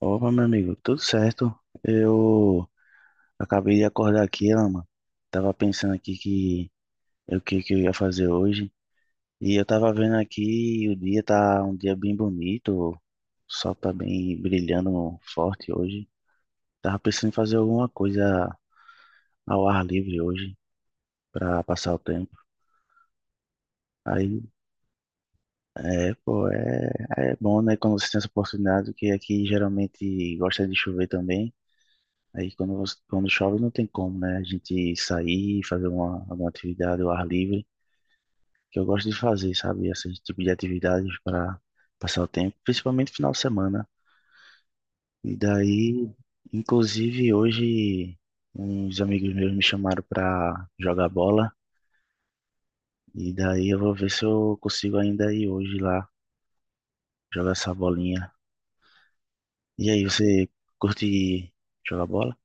Opa, meu amigo, tudo certo? Eu acabei de acordar aqui, Lama. Tava pensando aqui que o que que eu ia fazer hoje. E eu tava vendo aqui, o dia tá um dia bem bonito, o sol tá bem brilhando forte hoje. Tava pensando em fazer alguma coisa ao ar livre hoje pra passar o tempo. Aí, é, pô, é, é bom, né, quando você tem essa oportunidade, que aqui geralmente gosta de chover também. Quando chove não tem como, né? A gente sair, fazer alguma atividade ao ar livre, que eu gosto de fazer, sabe? Esse tipo de atividades para passar o tempo, principalmente final de semana. E daí, inclusive hoje, uns amigos meus me chamaram para jogar bola, e daí eu vou ver se eu consigo ainda ir hoje lá jogar essa bolinha. E aí, você curte jogar bola?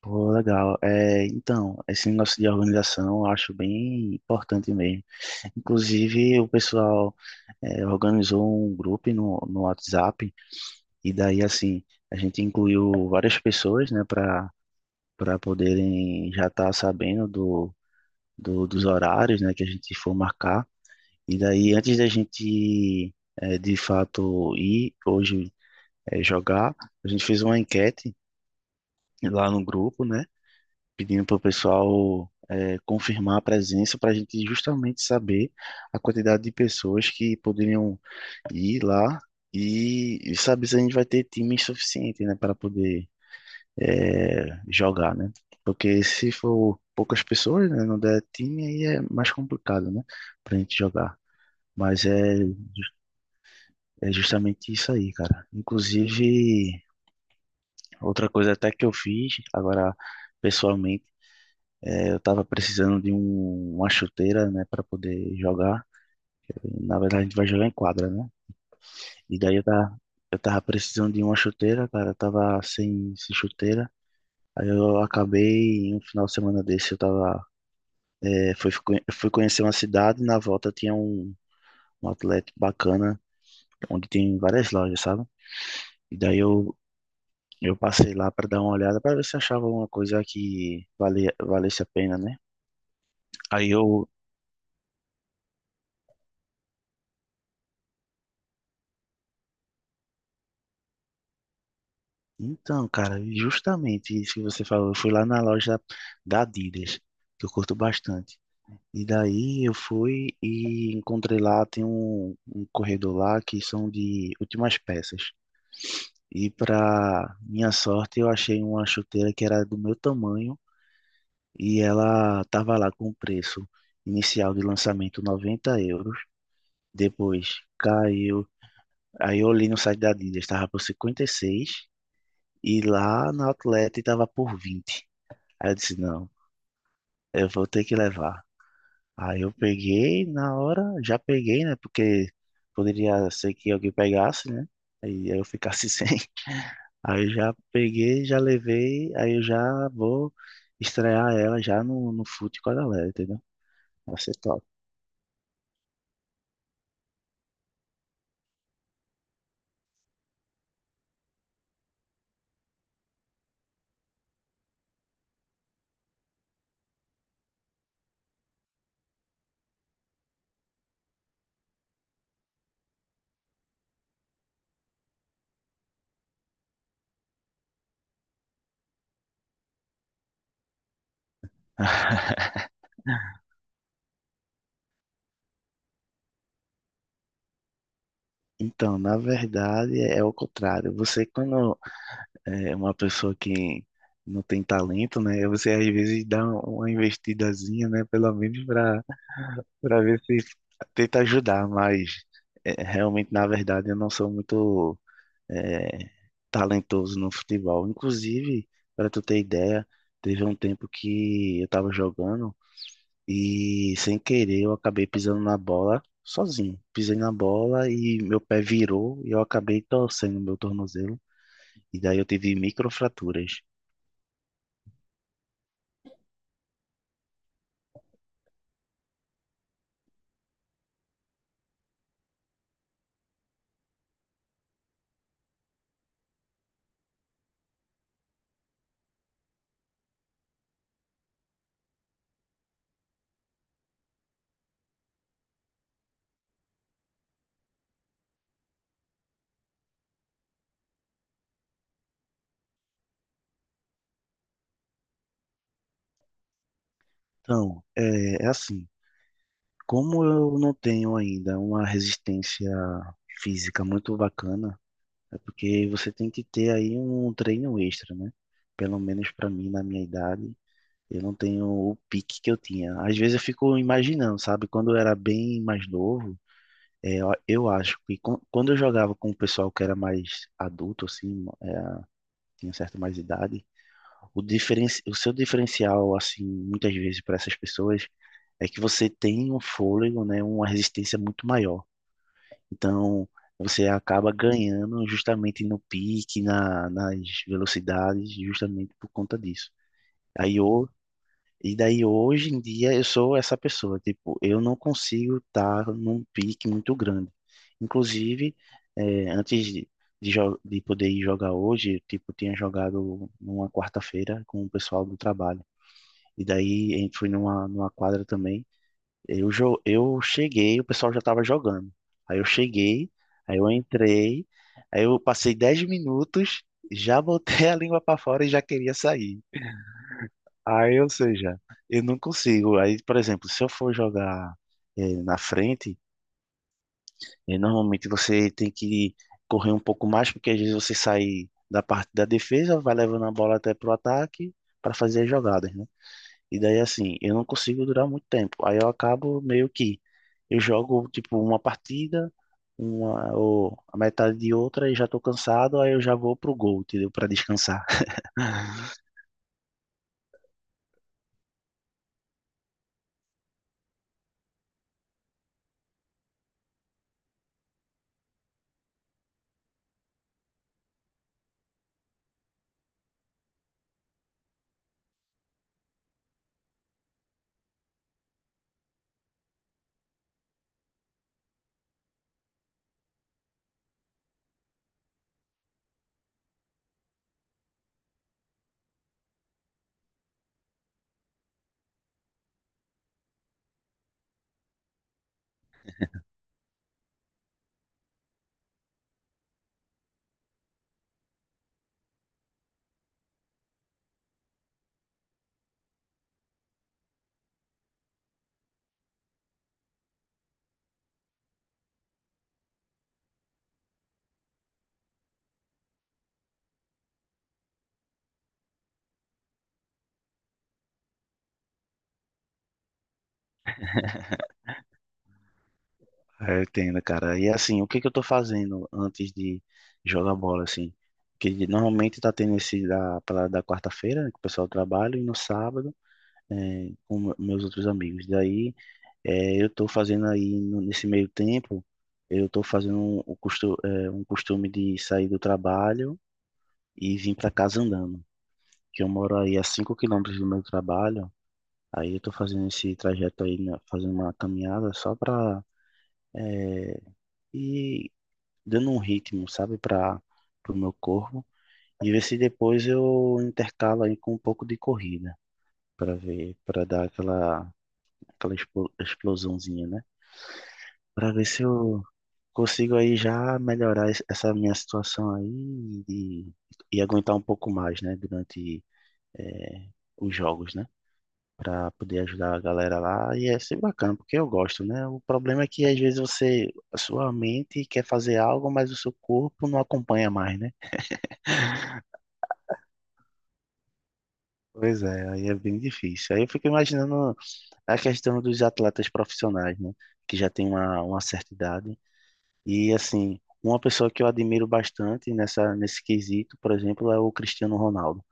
Pô, legal. É, então, esse negócio de organização eu acho bem importante mesmo. Inclusive, o pessoal organizou um grupo no WhatsApp e daí, assim, a gente incluiu várias pessoas, né, para poderem já estar sabendo dos horários, né, que a gente for marcar. E daí, antes da gente, de fato, ir hoje jogar, a gente fez uma enquete lá no grupo, né, pedindo para o pessoal confirmar a presença para a gente justamente saber a quantidade de pessoas que poderiam ir lá e saber se a gente vai ter time suficiente, né, para poder jogar, né? Porque se for poucas pessoas, né, não der time, aí é mais complicado, né, para a gente jogar. Mas é, ju- É justamente isso aí, cara. Inclusive, outra coisa até que eu fiz, agora pessoalmente, eu tava precisando de uma chuteira, né, para poder jogar. Na verdade, a gente vai jogar em quadra, né? E daí eu tava, eu tava precisando de uma chuteira, cara. Eu tava sem chuteira. Aí eu acabei, em um final de semana desse, eu tava. É, fui conhecer uma cidade. Na volta tinha um outlet bacana, onde tem várias lojas, sabe? E daí eu passei lá pra dar uma olhada, pra ver se achava alguma coisa que valesse a pena, né? Aí eu. Então, cara, justamente isso que você falou. Eu fui lá na loja da Adidas, que eu curto bastante. E daí eu fui e encontrei lá, tem um corredor lá que são de últimas peças. E para minha sorte, eu achei uma chuteira que era do meu tamanho e ela tava lá com o preço inicial de lançamento 90 euros. Depois caiu, aí eu olhei no site da Adidas, estava por 56 e seis e lá na Outlet estava por 20. Aí eu disse, não, eu vou ter que levar. Aí eu peguei, na hora, já peguei, né? Porque poderia ser que alguém pegasse, né? Aí eu ficasse sem. Aí eu já peguei, já levei, aí eu já vou estrear ela já no fute com a galera, entendeu? Vai ser top. Então, na verdade, é o contrário. Você, quando é uma pessoa que não tem talento, né? Você às vezes dá uma investidazinha, né? Pelo menos para ver se tenta ajudar, mas realmente, na verdade, eu não sou muito é, talentoso no futebol. Inclusive, para tu ter ideia, teve um tempo que eu estava jogando e, sem querer, eu acabei pisando na bola sozinho. Pisei na bola e meu pé virou e eu acabei torcendo meu tornozelo. E daí eu tive microfraturas. Então, é assim, como eu não tenho ainda uma resistência física muito bacana, é porque você tem que ter aí um treino extra, né? Pelo menos pra mim, na minha idade, eu não tenho o pique que eu tinha. Às vezes eu fico imaginando, sabe? Quando eu era bem mais novo, eu acho que quando eu jogava com o pessoal que era mais adulto, assim, tinha certa mais idade, o seu diferencial, assim, muitas vezes para essas pessoas é que você tem um fôlego, né? Uma resistência muito maior. Então, você acaba ganhando justamente no pique, nas velocidades, justamente por conta disso. Aí, ho- e daí hoje em dia eu sou essa pessoa, tipo, eu não consigo estar num pique muito grande. Inclusive, antes de poder ir jogar hoje, tipo, eu tipo, tinha jogado numa quarta-feira com o pessoal do trabalho. E daí a gente foi numa quadra também. Eu cheguei, o pessoal já estava jogando. Aí eu cheguei, aí eu entrei, aí eu passei 10 minutos, já botei a língua para fora e já queria sair. Aí, ou seja, eu não consigo. Aí, por exemplo, se eu for jogar na frente, normalmente você tem que correr um pouco mais, porque às vezes você sai da parte da defesa, vai levando a bola até pro ataque para fazer as jogadas, né? E daí, assim, eu não consigo durar muito tempo. Aí eu acabo meio que. Eu jogo, tipo, uma partida, uma, ou a metade de outra, e já tô cansado, aí eu já vou pro gol, entendeu? Pra descansar. É, eu entendo, cara. E assim, o que que eu tô fazendo antes de jogar bola, assim? Que normalmente tá tendo da quarta-feira, né, que o pessoal trabalha, e no sábado, com meus outros amigos. Daí é, eu estou fazendo aí, nesse meio tempo, eu estou fazendo um um costume de sair do trabalho e vir para casa andando, que eu moro aí a 5 quilômetros do meu trabalho, aí eu estou fazendo esse trajeto aí, né, fazendo uma caminhada só para ir dando um ritmo, sabe, para o meu corpo, e ver se depois eu intercalo aí com um pouco de corrida, para ver, para dar aquela explosãozinha, né? Para ver se eu consigo aí já melhorar essa minha situação aí e aguentar um pouco mais, né, durante eh, os jogos, né, para poder ajudar a galera lá. E é sempre bacana, porque eu gosto, né? O problema é que às vezes você, a sua mente quer fazer algo, mas o seu corpo não acompanha mais, né? Pois é, aí é bem difícil. Aí eu fico imaginando a questão dos atletas profissionais, né, que já tem uma certa idade. E assim, uma pessoa que eu admiro bastante nessa nesse quesito, por exemplo, é o Cristiano Ronaldo,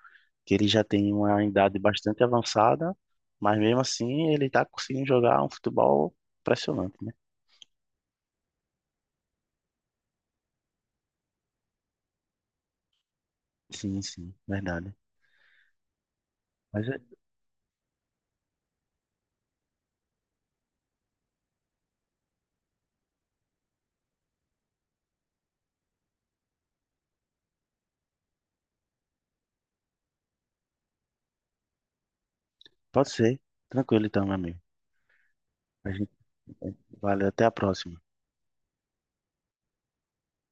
que ele já tem uma idade bastante avançada, mas mesmo assim ele está conseguindo jogar um futebol impressionante, né? Sim, sim, verdade. Mas é- pode ser. Tranquilo então, meu amigo. A gente, valeu, até a próxima.